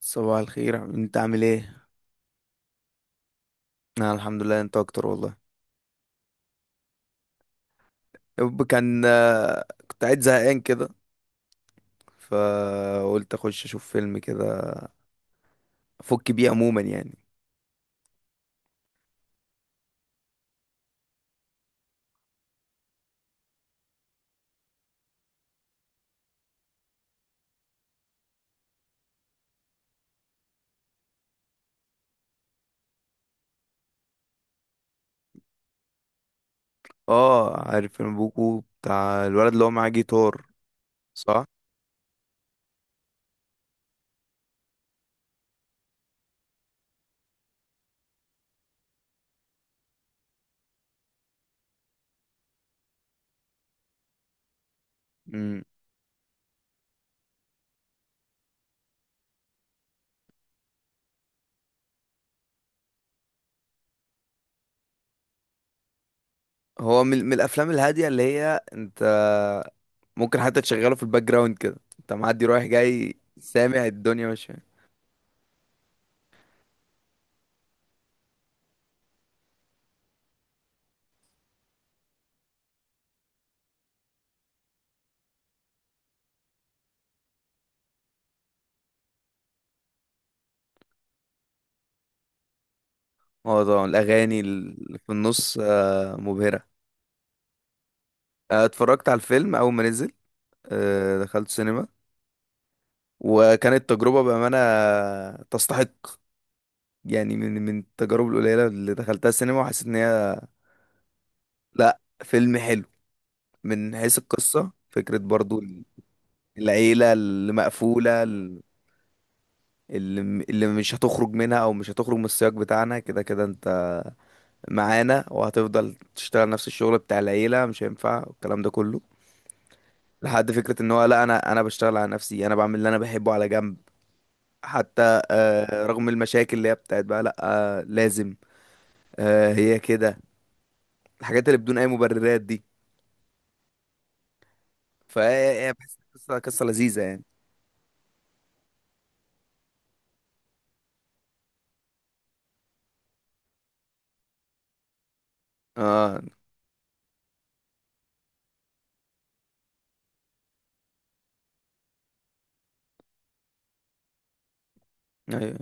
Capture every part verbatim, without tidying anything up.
صباح الخير يا حبيبي، انت عامل ايه؟ انا الحمد لله، انت اكتر والله. يب كان آه، كنت قاعد زهقان كده، فقلت اخش اشوف فيلم كده افك بيه عموما يعني. اه عارف فيلم بوكو بتاع الولد اللي هو معاه جيتار، صح. امم. هو من, من الافلام الهاديه اللي هي انت ممكن حتى تشغله في الباك جراوند كده، انت معدي رايح جاي سامع الدنيا ماشيه. اه طبعا الاغاني اللي في النص آه، مبهره. آه، اتفرجت على الفيلم اول ما نزل، آه، دخلت سينما وكانت تجربة بأمانة تستحق. يعني من من التجارب القليلة اللي دخلتها السينما وحسيت إن هي، لأ فيلم حلو من حيث القصة، فكرة برضو. العيلة اللي مقفولة، اللي اللي مش هتخرج منها أو مش هتخرج من السياق بتاعنا، كده كده أنت معانا وهتفضل تشتغل نفس الشغل بتاع العيلة، مش هينفع والكلام ده كله. لحد فكرة إن هو لأ، أنا أنا بشتغل على نفسي، أنا بعمل اللي أنا بحبه على جنب. حتى آه، رغم المشاكل اللي هي بتاعت بقى لأ. آه، لازم. آه، هي كده الحاجات اللي بدون اي مبررات دي. فا بحس قصه قصه لذيذه يعني. اه. ايوه.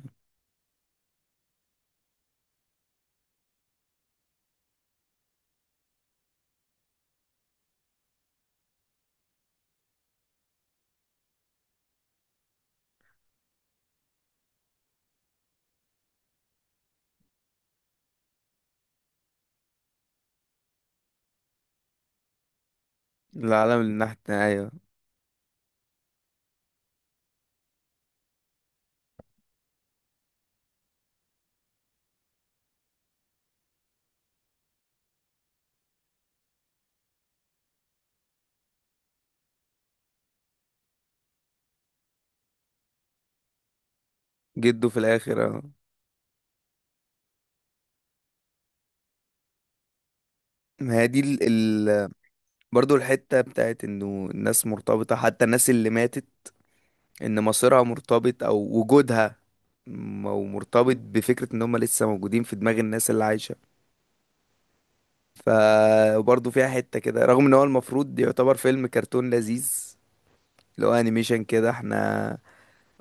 العالم اللي نحت، ايوه. جده في الاخر، اه. ما هي دي ال... ال... برضو الحته بتاعت انه الناس مرتبطه، حتى الناس اللي ماتت، ان مصيرها مرتبط او وجودها مو- مرتبط بفكره ان هم لسه موجودين في دماغ الناس اللي عايشه. فبرضه فيها حته كده، رغم ان هو المفروض يعتبر فيلم كرتون لذيذ، اللي هو انيميشن كده، احنا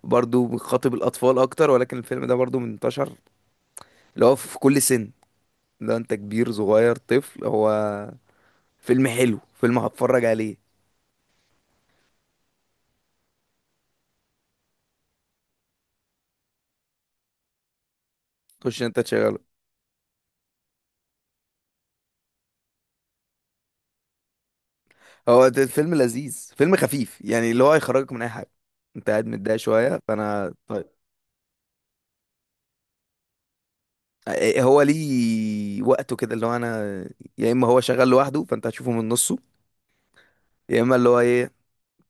برضو بيخاطب الأطفال أكتر، ولكن الفيلم ده برضو منتشر اللي هو في كل سن. لو أنت كبير صغير طفل، هو فيلم حلو، فيلم هتفرج عليه. خش أنت تشغله. هو ده فيلم لذيذ، فيلم خفيف يعني اللي هو هيخرجك من أي حاجة. أنت قاعد متضايق شوية فأنا طيب. إيه هو ليه وقته كده، اللي هو أنا يا إما هو شغال لوحده فأنت هتشوفه من نصه، يا إما اللي هو إيه،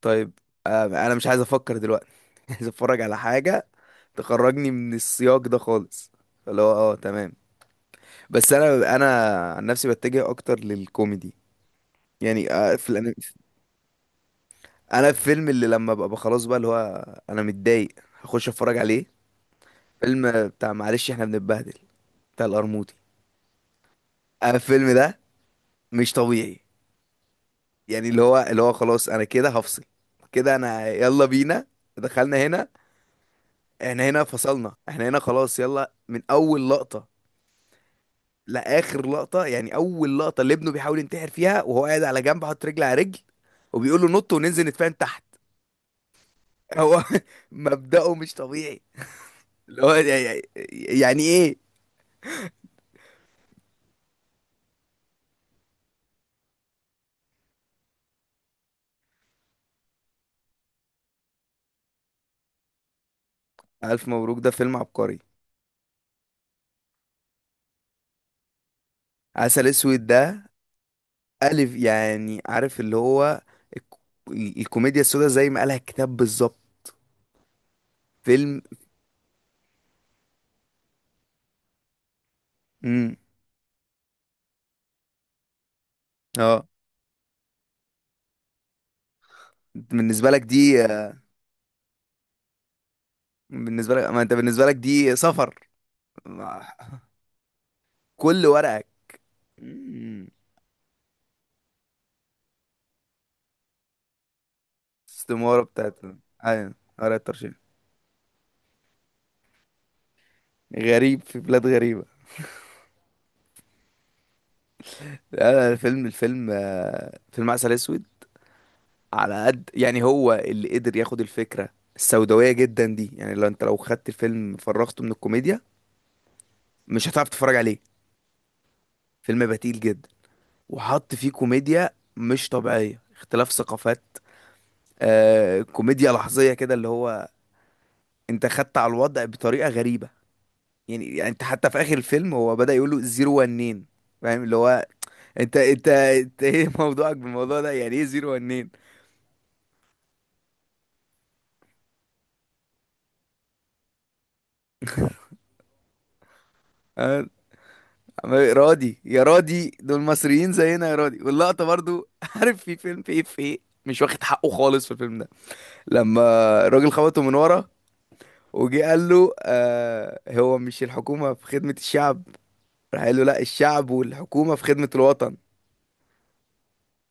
طيب، آه، أنا مش عايز أفكر دلوقتي، عايز أتفرج على حاجة تخرجني من السياق ده خالص، اللي هو اه تمام. بس انا انا عن نفسي بتجه اكتر للكوميدي، يعني آه، في الأنمي. انا الفيلم اللي لما ببقى خلاص بقى اللي هو انا متضايق هخش اتفرج عليه فيلم بتاع معلش احنا بنتبهدل، بتاع القرموطي. انا الفيلم ده مش طبيعي، يعني اللي هو اللي هو خلاص انا كده هفصل كده، انا يلا بينا، دخلنا هنا، احنا هنا فصلنا، احنا هنا خلاص يلا من اول لقطة لاخر لقطة. يعني اول لقطة اللي ابنه بيحاول ينتحر فيها وهو قاعد على جنب حاطط رجل على رجل وبيقول له نط وننزل نتفاهم تحت. هو مبدأه مش طبيعي، اللي هو يعني يعني ايه. ألف مبروك ده فيلم عبقري. عسل اسود ده ألف يعني عارف اللي هو الك- الكوميديا السوداء زي ما قالها الكتاب بالظبط. فيلم. امم. اه. بالنسبة لك دي، بالنسبة لك ما انت بالنسبة لك دي سفر. كل ورقك. مم. استمارة بتاعت. ايوه ورقة ترشيح. غريب في بلاد غريبة. لا لا، الفيلم الفيلم آه، فيلم عسل اسود على قد يعني هو اللي قدر ياخد الفكرة السوداوية جدا دي. يعني لو انت لو خدت الفيلم فرغته من الكوميديا مش هتعرف تتفرج عليه. فيلم بتيل جدا وحط فيه كوميديا مش طبيعية، اختلاف ثقافات، آه كوميديا لحظية كده اللي هو انت خدت على الوضع بطريقة غريبة. يعني, يعني انت حتى في اخر الفيلم هو بدأ يقول له زيرو ونين، فاهم اللي هو انت انت انت ايه موضوعك بالموضوع ده، يعني ايه زيرو ونين. عمال- رادي يا رادي، دول مصريين زينا يا رادي، واللقطة برضو عارف في فيلم في ايه في ايه مش واخد حقه خالص في الفيلم ده، لما الراجل خبطه من ورا وجي قال له آه، هو مش الحكومة في خدمة الشعب؟ راح قال له لا، الشعب والحكومة في خدمة الوطن.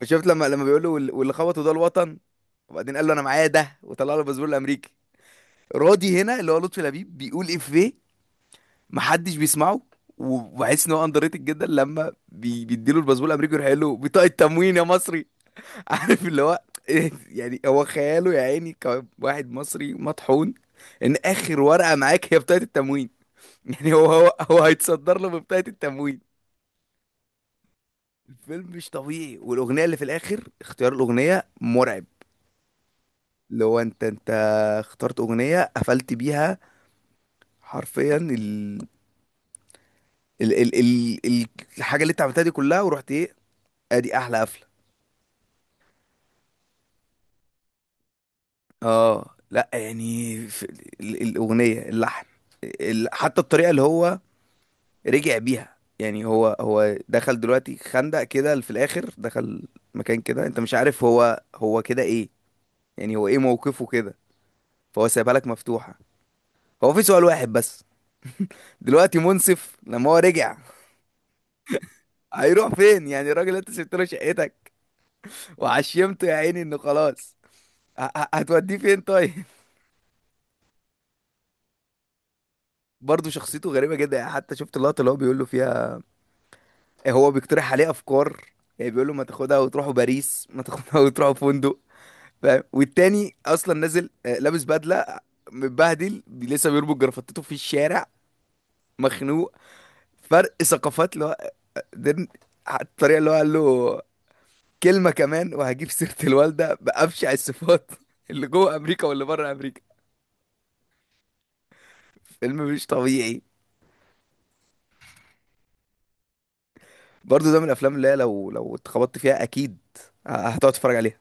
شفت لما لما بيقول له وال- واللي خبطه ده الوطن، وبعدين قال له انا معايا ده وطلع له الباسبور الامريكي. رادي هنا اللي هو لطفي لبيب بيقول افيه محدش بيسمعه. وبحس ان هو اندر ريتد جدا لما بي- بيديله الباسبور الامريكي ويروح قايل له بطاقه تموين يا مصري. عارف اللي هو إيه، يعني هو خياله يا عيني كواحد مصري مطحون، ان اخر ورقة معاك هي بطاقة التموين. يعني هو هو هو هيتصدر له ببطاقة التموين. الفيلم مش طبيعي، والاغنية اللي في الاخر اختيار الاغنية مرعب، اللي هو انت انت اخترت اغنية قفلت بيها حرفيا ال ال ال ال ال الحاجة اللي انت عملتها دي كلها ورحت ايه، ادي احلى قفلة. اه لا يعني في ال- ال- الاغنية اللحن، ال- حتى الطريقة اللي هو رجع بيها. يعني هو هو دخل دلوقتي خندق كده في الاخر، دخل مكان كده انت مش عارف هو هو كده ايه، يعني هو ايه موقفه كده، فهو سايبها لك مفتوحة. هو في سؤال واحد بس دلوقتي، منصف لما هو رجع هيروح فين؟ يعني الراجل انت سبت له شقتك وعشمته يا عيني انه خلاص، ه- ه- هتوديه فين طيب؟ برضه شخصيته غريبة جدا، يعني حتى شفت اللقطة اللي هو بيقول له فيها، هو بيقترح عليه افكار، يعني بيقول له ما تاخدها وتروحوا باريس، ما تاخدها وتروحوا فندق، فاهم؟ والتاني اصلا نازل آه، لابس بدله متبهدل بي- لسه بيربط جرافطته في الشارع، مخنوق. فرق ثقافات اللي هو ده الطريقه اللي هو قال له كلمه كمان وهجيب سيره الوالده بابشع الصفات، اللي جوه امريكا واللي بره امريكا. فيلم مش طبيعي. برضه ده من الافلام اللي هي لو لو اتخبطت فيها اكيد آه، هتقعد تتفرج عليها.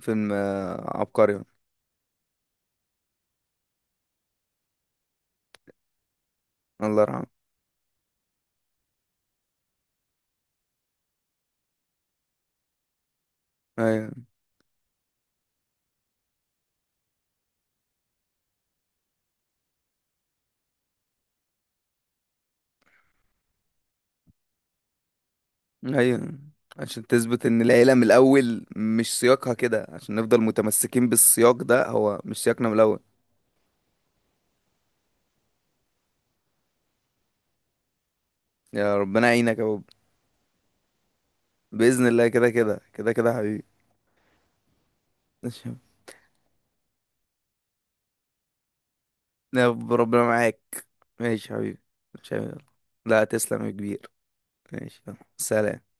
فيلم آه، عبقري. الله يرحمه. ايوه ايوه، عشان تثبت ان العيله من الاول مش سياقها كده، عشان نفضل متمسكين بالسياق ده، هو مش سياقنا من الاول. يا ربنا يعينك يا بابا. باذن الله، كده كده كده كده حبيبي. ماشي يا بابا. يا رب ربنا معاك. ماشي يا حبيبي. ماشي يا بابا. لا تسلم يا كبير. ماشي يلا. سلام.